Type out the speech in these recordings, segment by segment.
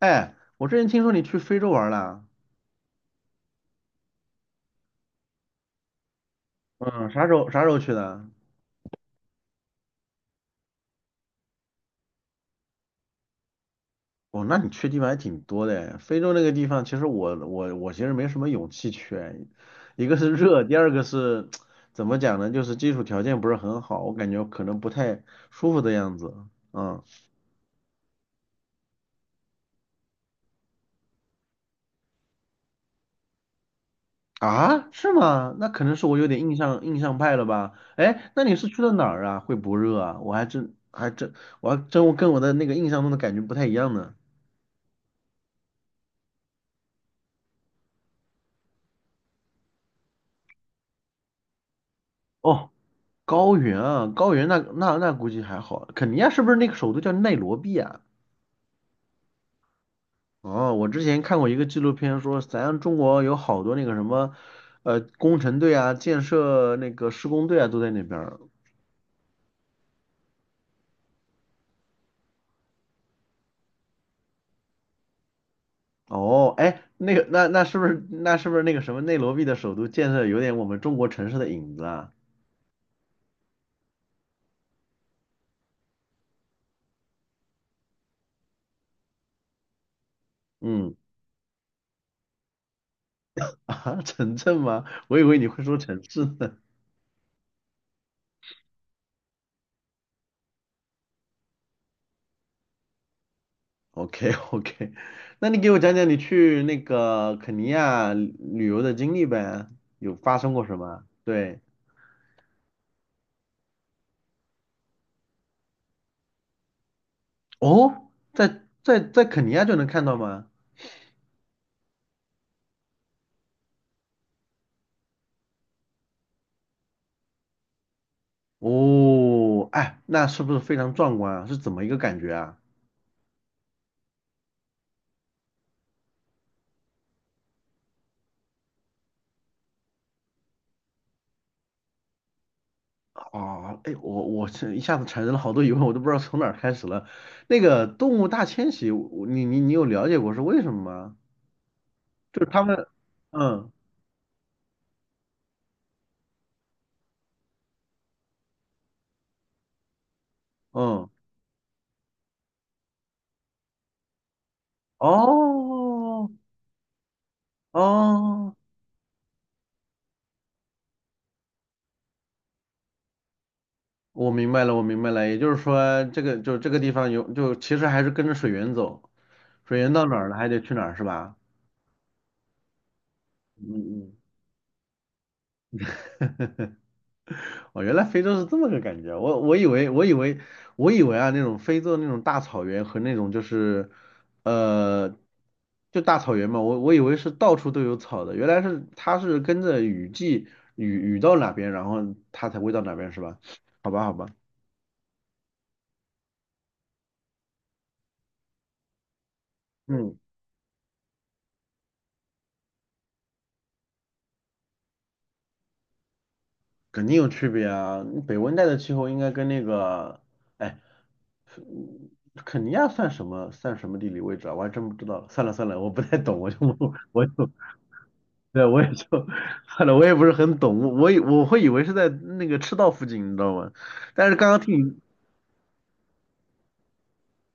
哎，我之前听说你去非洲玩了。嗯，啥时候去的？哦，那你去地方还挺多的诶。非洲那个地方，其实我其实没什么勇气去诶，一个是热，第二个是 怎么讲呢？就是基础条件不是很好，我感觉可能不太舒服的样子。嗯。啊，是吗？那可能是我有点印象派了吧？哎，那你是去的哪儿啊？会不热啊？我还真我跟我的那个印象中的感觉不太一样呢。哦，高原啊，高原那估计还好。肯尼亚是不是那个首都叫内罗毕啊？哦，我之前看过一个纪录片说，咱中国有好多那个什么，工程队啊、建设那个施工队啊都在那边儿。哦，哎，那个那那是不是那是不是那个什么内罗毕的首都建设有点我们中国城市的影子啊？嗯。 啊，城镇吗？我以为你会说城市呢。OK。 OK，那你给我讲讲你去那个肯尼亚旅游的经历呗，有发生过什么？对。哦，在肯尼亚就能看到吗？哦，哎，那是不是非常壮观啊？是怎么一个感觉啊？哦，哎，我是一下子产生了好多疑问，我都不知道从哪儿开始了。那个动物大迁徙，我你有了解过是为什么吗？就是他们。嗯嗯。哦哦。我明白了，我明白了，也就是说，这个就这个地方有，就其实还是跟着水源走，水源到哪儿了，还得去哪儿，是吧？嗯嗯。哦，原来非洲是这么个感觉，我以为。我以为啊，那种非洲那种大草原和那种就是，呃，就大草原嘛，我以为是到处都有草的，原来是它是跟着雨季，雨雨到哪边，然后它才会到哪边，是吧？好吧，好吧。嗯。肯定有区别啊！北温带的气候应该跟那个，哎，肯尼亚算什么地理位置啊？我还真不知道了，算了算了，我不太懂，我就 我就对，我也就算了，我也不是很懂。我我会以为是在那个赤道附近，你知道吗？但是刚刚听你，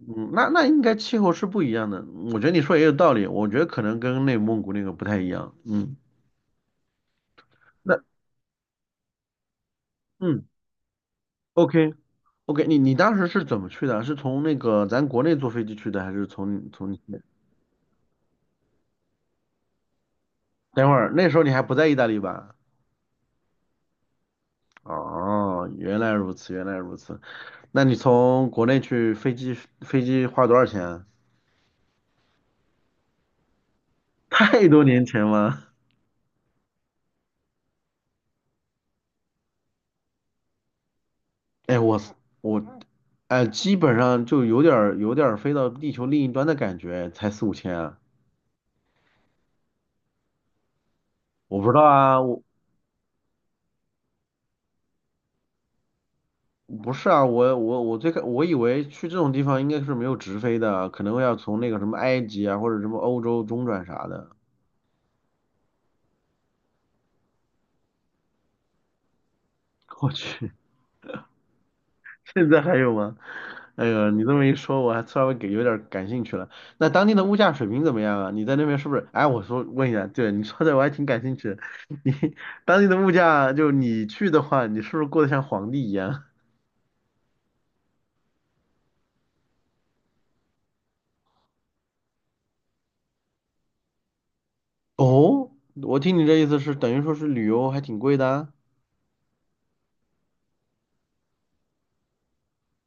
嗯，那那应该气候是不一样的。我觉得你说也有道理，我觉得可能跟内蒙古那个不太一样。嗯。那，嗯，OK。 OK，你你当时是怎么去的？是从那个咱国内坐飞机去的，还是从？等会儿那时候你还不在意大利吧？哦，原来如此，原来如此。那你从国内去飞机，花多少钱啊？太多年前了。哎，我我哎，基本上就有点儿飞到地球另一端的感觉，才四五千啊。我不知道啊，我，不是啊，我我以为去这种地方应该是没有直飞的，可能要从那个什么埃及啊或者什么欧洲中转啥的。我 去。现在还有吗？哎呦，你这么一说，我还稍微给有点感兴趣了。那当地的物价水平怎么样啊？你在那边是不是？哎，我说问一下。对，你说的我还挺感兴趣的。你当地的物价，就你去的话，你是不是过得像皇帝一样？哦，我听你这意思是等于说是旅游还挺贵的啊？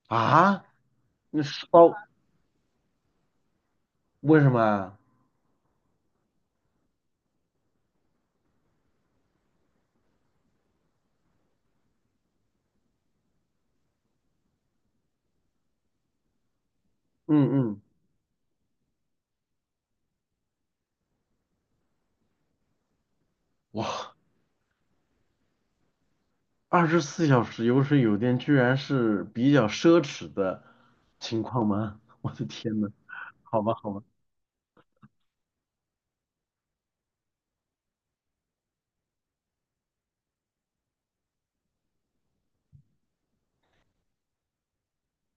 啊，那是哦，为什么啊？嗯嗯。哇，二十四小时有水有电，居然是比较奢侈的情况吗？我的天呐。好吧好吧。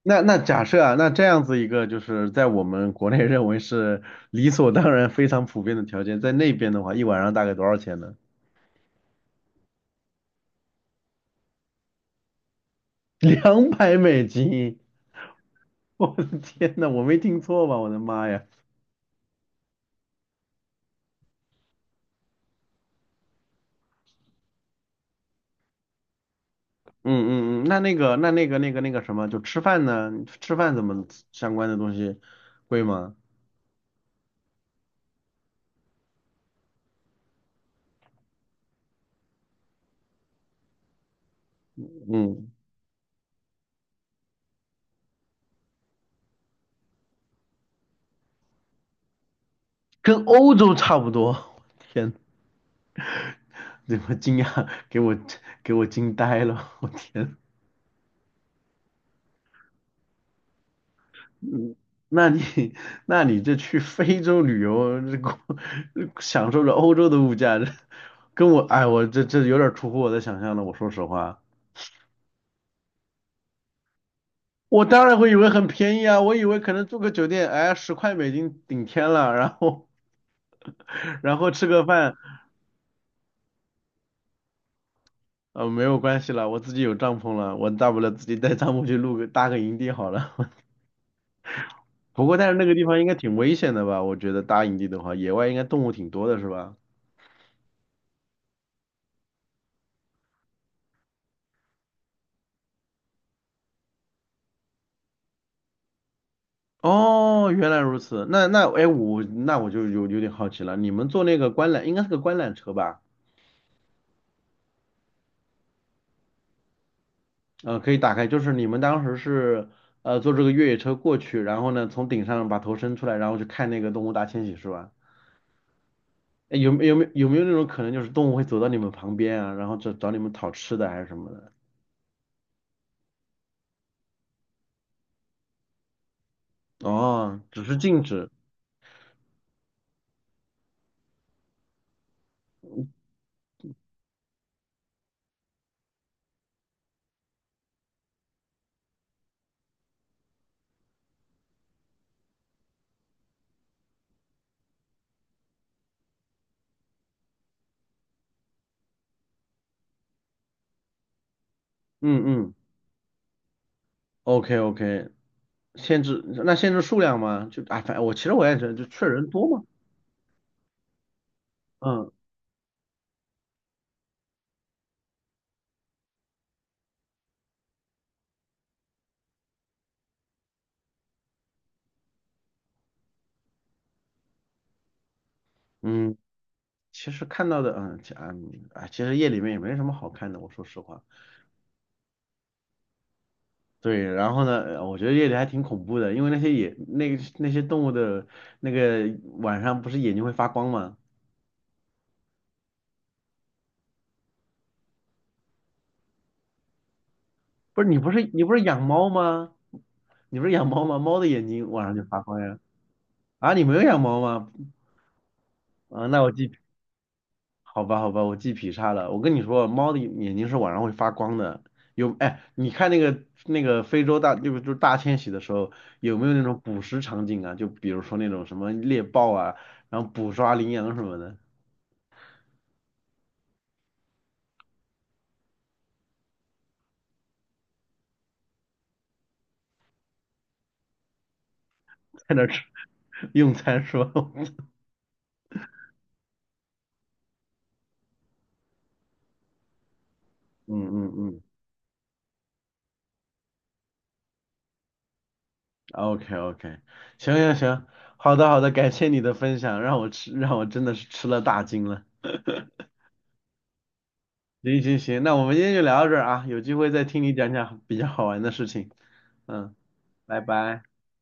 那那假设啊，那这样子一个就是在我们国内认为是理所当然、非常普遍的条件，在那边的话，一晚上大概多少钱呢？两百美金！我的天呐，我没听错吧？我的妈呀！嗯嗯嗯，那个什么，就吃饭呢？吃饭怎么，相关的东西贵吗？嗯，跟欧洲差不多。我天，对，我惊讶，给我惊呆了！我天。嗯，那你 那你这去非洲旅游，这过， 享受着欧洲的物价，这跟我，哎，我有点出乎我的想象了。我说实话，我当然会以为很便宜啊，我以为可能住个酒店，哎，十块美金顶天了，然后 然后吃个饭。没有关系了，我自己有帐篷了，我大不了自己带帐篷去搭个营地好了。不过但是那个地方应该挺危险的吧？我觉得搭营地的话，野外应该动物挺多的是吧？哦，原来如此。那那，哎，我就有点好奇了。你们坐那个观览，应该是个观览车吧？嗯，可以打开，就是你们当时是，坐这个越野车过去，然后呢从顶上把头伸出来，然后去看那个动物大迁徙是吧？哎，有没有那种可能，就是动物会走到你们旁边啊，然后找你们讨吃的还是什么的？哦，只是禁止。嗯嗯，OK。 OK，限制数量吗？就啊，反正我其实我也觉得，就确实人多嘛。嗯嗯，其实看到的，哎，其实夜里面也没什么好看的，我说实话。对，然后呢，我觉得夜里还挺恐怖的，因为那些动物的那个晚上不是眼睛会发光吗？不是养猫吗？你不是养猫吗？猫的眼睛晚上就发光呀。啊，你没有养猫吗？啊，那我记好吧，好吧，我记劈叉了。我跟你说，猫的眼睛是晚上会发光的。有，哎，你看那个非洲大，就是大迁徙的时候，有没有那种捕食场景啊？就比如说那种什么猎豹啊，然后捕抓羚羊什么的，在那儿吃，用餐是吧？嗯嗯嗯，OK。 OK，行行行，好的好的，感谢你的分享，让我真的是吃了大惊了。行行行，那我们今天就聊到这儿啊，有机会再听你讲讲比较好玩的事情。嗯，拜拜。